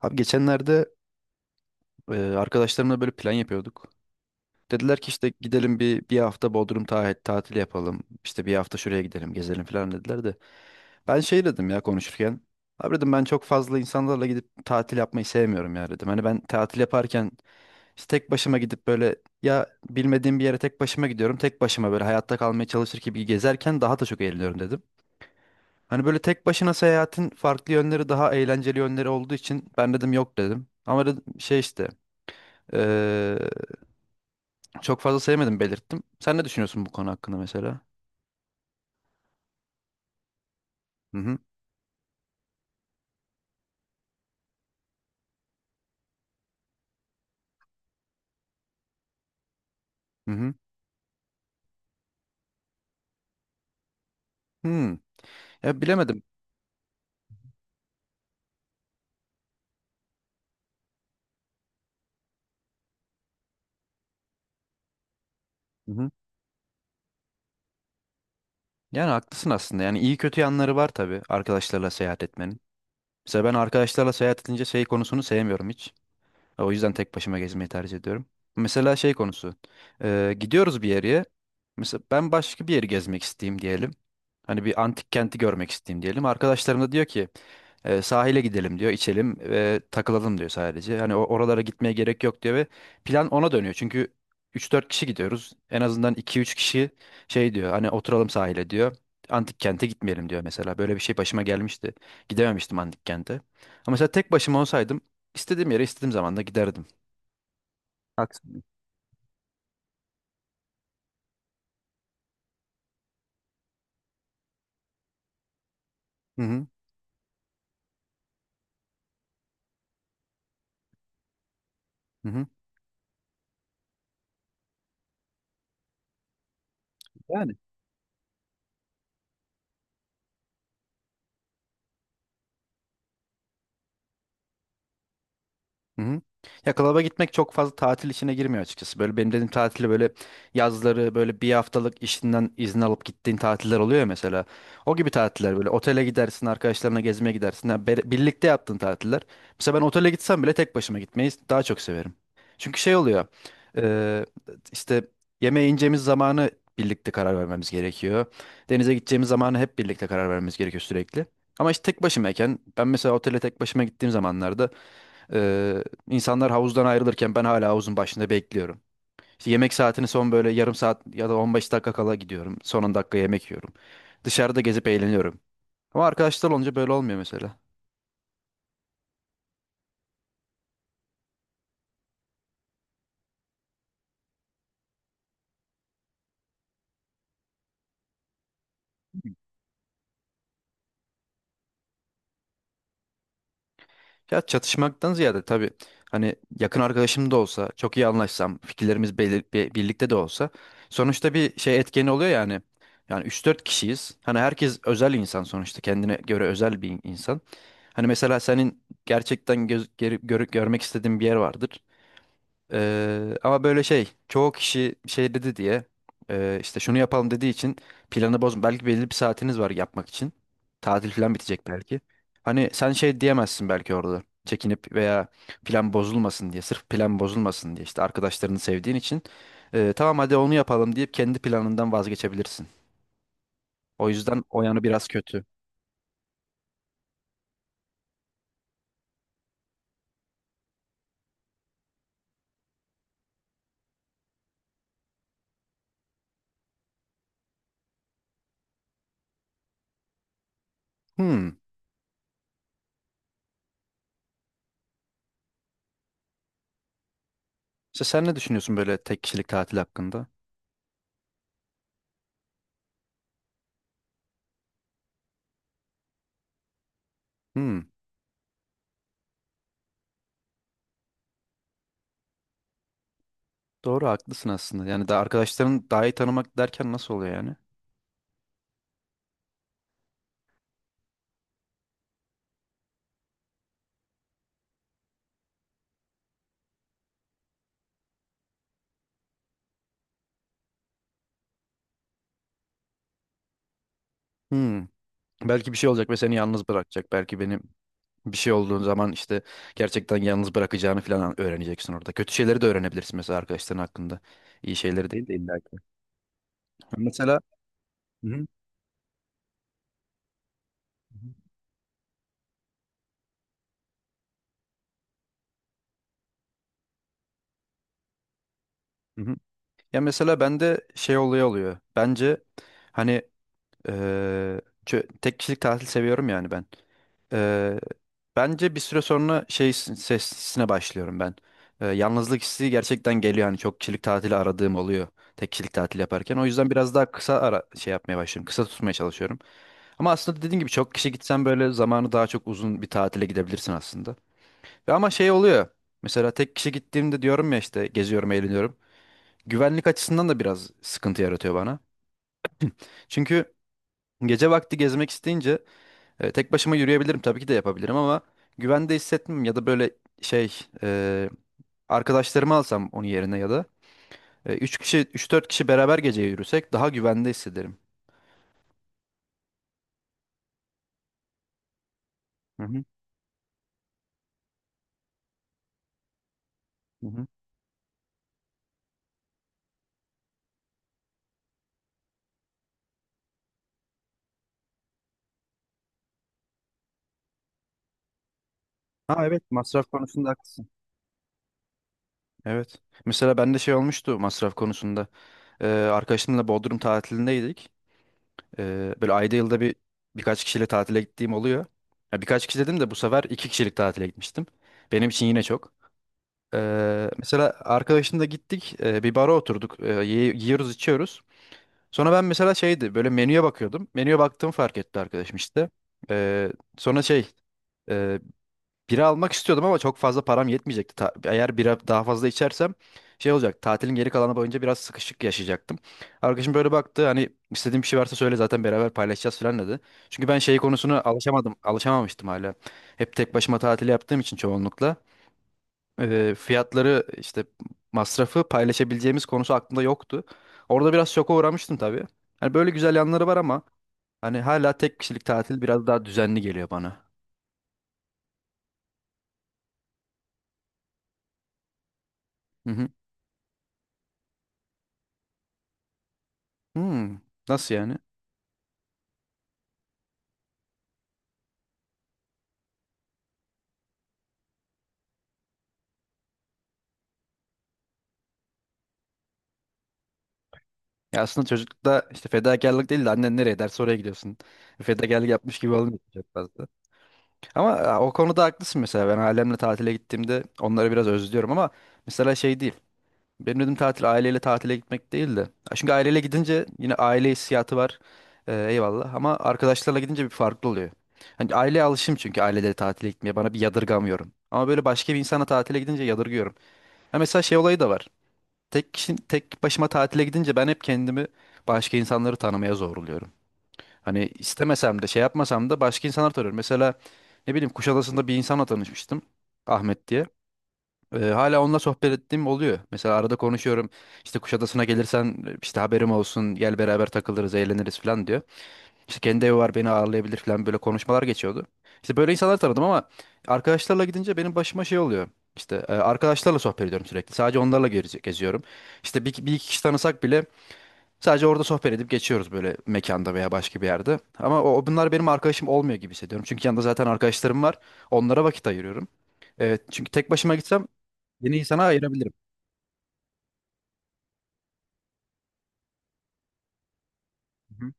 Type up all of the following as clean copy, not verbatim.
Abi geçenlerde arkadaşlarımla böyle plan yapıyorduk. Dediler ki işte gidelim bir hafta Bodrum tatili yapalım. İşte bir hafta şuraya gidelim, gezelim falan dediler de. Ben şey dedim ya konuşurken. Abi dedim ben çok fazla insanlarla gidip tatil yapmayı sevmiyorum ya dedim. Hani ben tatil yaparken işte tek başıma gidip böyle ya bilmediğim bir yere tek başıma gidiyorum. Tek başıma böyle hayatta kalmaya çalışır gibi gezerken daha da çok eğleniyorum dedim. Hani böyle tek başına seyahatin farklı yönleri daha eğlenceli yönleri olduğu için ben dedim yok dedim. Ama dedim şey işte ee, çok fazla sevmedim belirttim. Sen ne düşünüyorsun bu konu hakkında mesela? Hı hı. Hı hı. Hmm. Ya bilemedim. Hı hı. Yani haklısın aslında. Yani iyi kötü yanları var tabii arkadaşlarla seyahat etmenin. Mesela ben arkadaşlarla seyahat edince şey konusunu sevmiyorum hiç. O yüzden tek başıma gezmeyi tercih ediyorum. Mesela şey konusu. Gidiyoruz bir yere. Mesela ben başka bir yeri gezmek isteyeyim diyelim. Hani bir antik kenti görmek isteyeyim diyelim. Arkadaşlarım da diyor ki sahile gidelim diyor, içelim ve takılalım diyor sadece. Hani oralara gitmeye gerek yok diyor ve plan ona dönüyor. Çünkü üç dört kişi gidiyoruz. En azından iki üç kişi şey diyor hani oturalım sahile diyor. Antik kente gitmeyelim diyor mesela. Böyle bir şey başıma gelmişti. Gidememiştim antik kente. Ama mesela tek başıma olsaydım İstediğim yere istediğim zaman da giderdim. Haksız mıyım? Hı hı. Hı hı. Yani. Hı hı. Ya klaba gitmek çok fazla tatil işine girmiyor açıkçası. Böyle benim dediğim tatili böyle yazları böyle bir haftalık işinden izin alıp gittiğin tatiller oluyor ya mesela. O gibi tatiller böyle otele gidersin arkadaşlarına gezmeye gidersin. Yani birlikte yaptığın tatiller. Mesela ben otele gitsem bile tek başıma gitmeyi daha çok severim. Çünkü şey oluyor, e, işte yemeğe ineceğimiz zamanı birlikte karar vermemiz gerekiyor. Denize gideceğimiz zamanı hep birlikte karar vermemiz gerekiyor sürekli. Ama işte tek başımayken ben mesela otele tek başıma gittiğim zamanlarda ee, insanlar havuzdan ayrılırken ben hala havuzun başında bekliyorum. İşte yemek saatini son böyle yarım saat ya da 15 dakika kala gidiyorum. Son 10 dakika yemek yiyorum. Dışarıda gezip eğleniyorum. Ama arkadaşlar olunca böyle olmuyor mesela. Ya çatışmaktan ziyade tabii hani yakın arkadaşım da olsa, çok iyi anlaşsam, fikirlerimiz birlikte de olsa sonuçta bir şey etkeni oluyor yani. Yani üç dört kişiyiz. Hani herkes özel insan sonuçta. Kendine göre özel bir insan. Hani mesela senin gerçekten görmek istediğin bir yer vardır. Ama böyle şey çoğu kişi şey dedi diye işte şunu yapalım dediği için planı bozma. Belki belli bir saatiniz var yapmak için. Tatil falan bitecek belki. Hani sen şey diyemezsin belki orada. Çekinip veya plan bozulmasın diye. Sırf plan bozulmasın diye işte arkadaşlarını sevdiğin için tamam hadi onu yapalım deyip kendi planından vazgeçebilirsin. O yüzden o yanı biraz kötü. Hmm. İşte sen ne düşünüyorsun böyle tek kişilik tatil hakkında? Hmm. Doğru haklısın aslında. Yani da arkadaşların daha iyi tanımak derken nasıl oluyor yani? Hmm. Belki bir şey olacak ve seni yalnız bırakacak. Belki benim bir şey olduğun zaman işte gerçekten yalnız bırakacağını falan öğreneceksin orada. Kötü şeyleri de öğrenebilirsin mesela arkadaşların hakkında. İyi şeyleri değil de illa ki. Mesela. Hı hı. Hı hı. Ya mesela bende şey oluyor. Bence, hani, tek kişilik tatil seviyorum yani ben. Ee, bence bir süre sonra şey sesine başlıyorum ben. Yalnızlık hissi gerçekten geliyor. Hani çok kişilik tatili aradığım oluyor. Tek kişilik tatil yaparken. O yüzden biraz daha kısa ara şey yapmaya başlıyorum. Kısa tutmaya çalışıyorum. Ama aslında dediğim gibi çok kişi gitsen böyle zamanı daha çok uzun bir tatile gidebilirsin aslında. Ve ama şey oluyor. Mesela tek kişi gittiğimde diyorum ya işte geziyorum, eğleniyorum. Güvenlik açısından da biraz sıkıntı yaratıyor bana. Çünkü gece vakti gezmek isteyince tek başıma yürüyebilirim tabii ki de yapabilirim ama güvende hissetmem ya da böyle şey, arkadaşlarımı alsam onun yerine ya da üç dört kişi beraber gece yürüsek daha güvende hissederim. Hı hı, hı hı. Ha, evet, masraf konusunda haklısın. Evet. Mesela bende şey olmuştu masraf konusunda. Arkadaşımla Bodrum tatilindeydik. Böyle ayda yılda bir birkaç kişiyle tatile gittiğim oluyor. Ya birkaç kişi dedim de bu sefer iki kişilik tatile gitmiştim. Benim için yine çok. Mesela arkadaşımla gittik, bir bara oturduk, yiyoruz içiyoruz. Sonra ben mesela şeydi böyle menüye bakıyordum. Menüye baktığımı fark etti arkadaşım işte. Ee, sonra şey, e, bira almak istiyordum ama çok fazla param yetmeyecekti. Eğer bira daha fazla içersem şey olacak, tatilin geri kalanı boyunca biraz sıkışık yaşayacaktım. Arkadaşım böyle baktı, hani istediğin bir şey varsa söyle zaten beraber paylaşacağız falan dedi. Çünkü ben şey konusuna alışamamıştım hala. Hep tek başıma tatil yaptığım için çoğunlukla fiyatları işte masrafı paylaşabileceğimiz konusu aklımda yoktu. Orada biraz şoka uğramıştım tabii. Hani böyle güzel yanları var ama hani hala tek kişilik tatil biraz daha düzenli geliyor bana. Hı hı. Hmm, nasıl yani? Ya aslında çocuklukta işte fedakarlık değil de annen nereye derse oraya gidiyorsun. Fedakarlık yapmış gibi olmuyor çok fazla. Ama o konuda haklısın. Mesela ben ailemle tatile gittiğimde onları biraz özlüyorum ama mesela şey değil. Benim dedim tatil aileyle tatile gitmek değil de. Ya, çünkü aileyle gidince yine aile hissiyatı var. Eyvallah. Ama arkadaşlarla gidince bir farklı oluyor. Hani aileye alışım çünkü aileleri tatile gitmeye. Bana bir yadırgamıyorum. Ama böyle başka bir insana tatile gidince yadırgıyorum. Ya mesela şey olayı da var. Tek başıma tatile gidince ben hep kendimi başka insanları tanımaya zorluyorum. Hani istemesem de şey yapmasam da başka insanlar tanıyorum. Mesela ne bileyim, Kuşadası'nda bir insanla tanışmıştım. Ahmet diye. Hala onunla sohbet ettiğim oluyor. Mesela arada konuşuyorum. İşte Kuşadası'na gelirsen işte haberim olsun, gel beraber takılırız eğleniriz falan diyor. İşte kendi evi var, beni ağırlayabilir falan böyle konuşmalar geçiyordu. İşte böyle insanlar tanıdım ama arkadaşlarla gidince benim başıma şey oluyor. İşte arkadaşlarla sohbet ediyorum sürekli. Sadece onlarla geziyorum. İşte bir iki kişi tanısak bile sadece orada sohbet edip geçiyoruz böyle mekanda veya başka bir yerde. Ama bunlar benim arkadaşım olmuyor gibi hissediyorum. Çünkü yanında zaten arkadaşlarım var. Onlara vakit ayırıyorum. Evet, çünkü tek başıma gitsem yeni insana ayırabilirim. Hı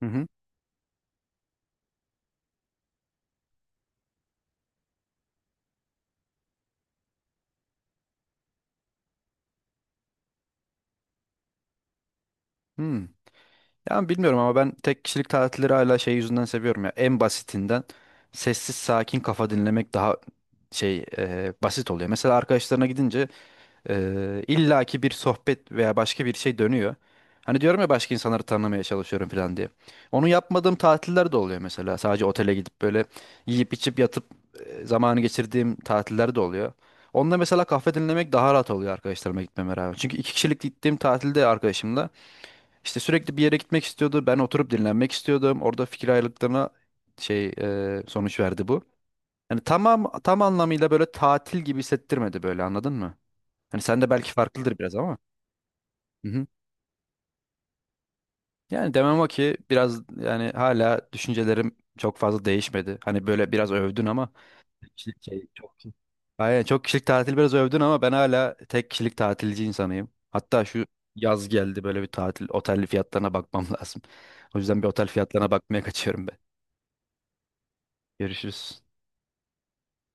hı. Hı. Hmm. Ya bilmiyorum ama ben tek kişilik tatilleri hala şey yüzünden seviyorum ya. En basitinden sessiz sakin kafa dinlemek daha şey, basit oluyor. Mesela arkadaşlarına gidince illaki bir sohbet veya başka bir şey dönüyor. Hani diyorum ya başka insanları tanımaya çalışıyorum falan diye. Onu yapmadığım tatiller de oluyor mesela. Sadece otele gidip böyle yiyip içip yatıp zamanı geçirdiğim tatiller de oluyor. Onda mesela kahve dinlemek daha rahat oluyor arkadaşlarıma gitmeme rağmen. Çünkü iki kişilik gittiğim tatilde arkadaşımla İşte sürekli bir yere gitmek istiyordu. Ben oturup dinlenmek istiyordum. Orada fikir ayrılıklarına şey, sonuç verdi bu. Yani tamam, tam anlamıyla böyle tatil gibi hissettirmedi, böyle anladın mı? Hani sen de belki farklıdır biraz ama. Hı hı. Yani demem o ki biraz yani hala düşüncelerim çok fazla değişmedi. Hani böyle biraz övdün ama kişilik şey çok Aynen çok kişilik tatil biraz övdün ama ben hala tek kişilik tatilci insanıyım. Hatta şu yaz geldi, böyle bir tatil otel fiyatlarına bakmam lazım. O yüzden bir otel fiyatlarına bakmaya kaçıyorum ben. Görüşürüz.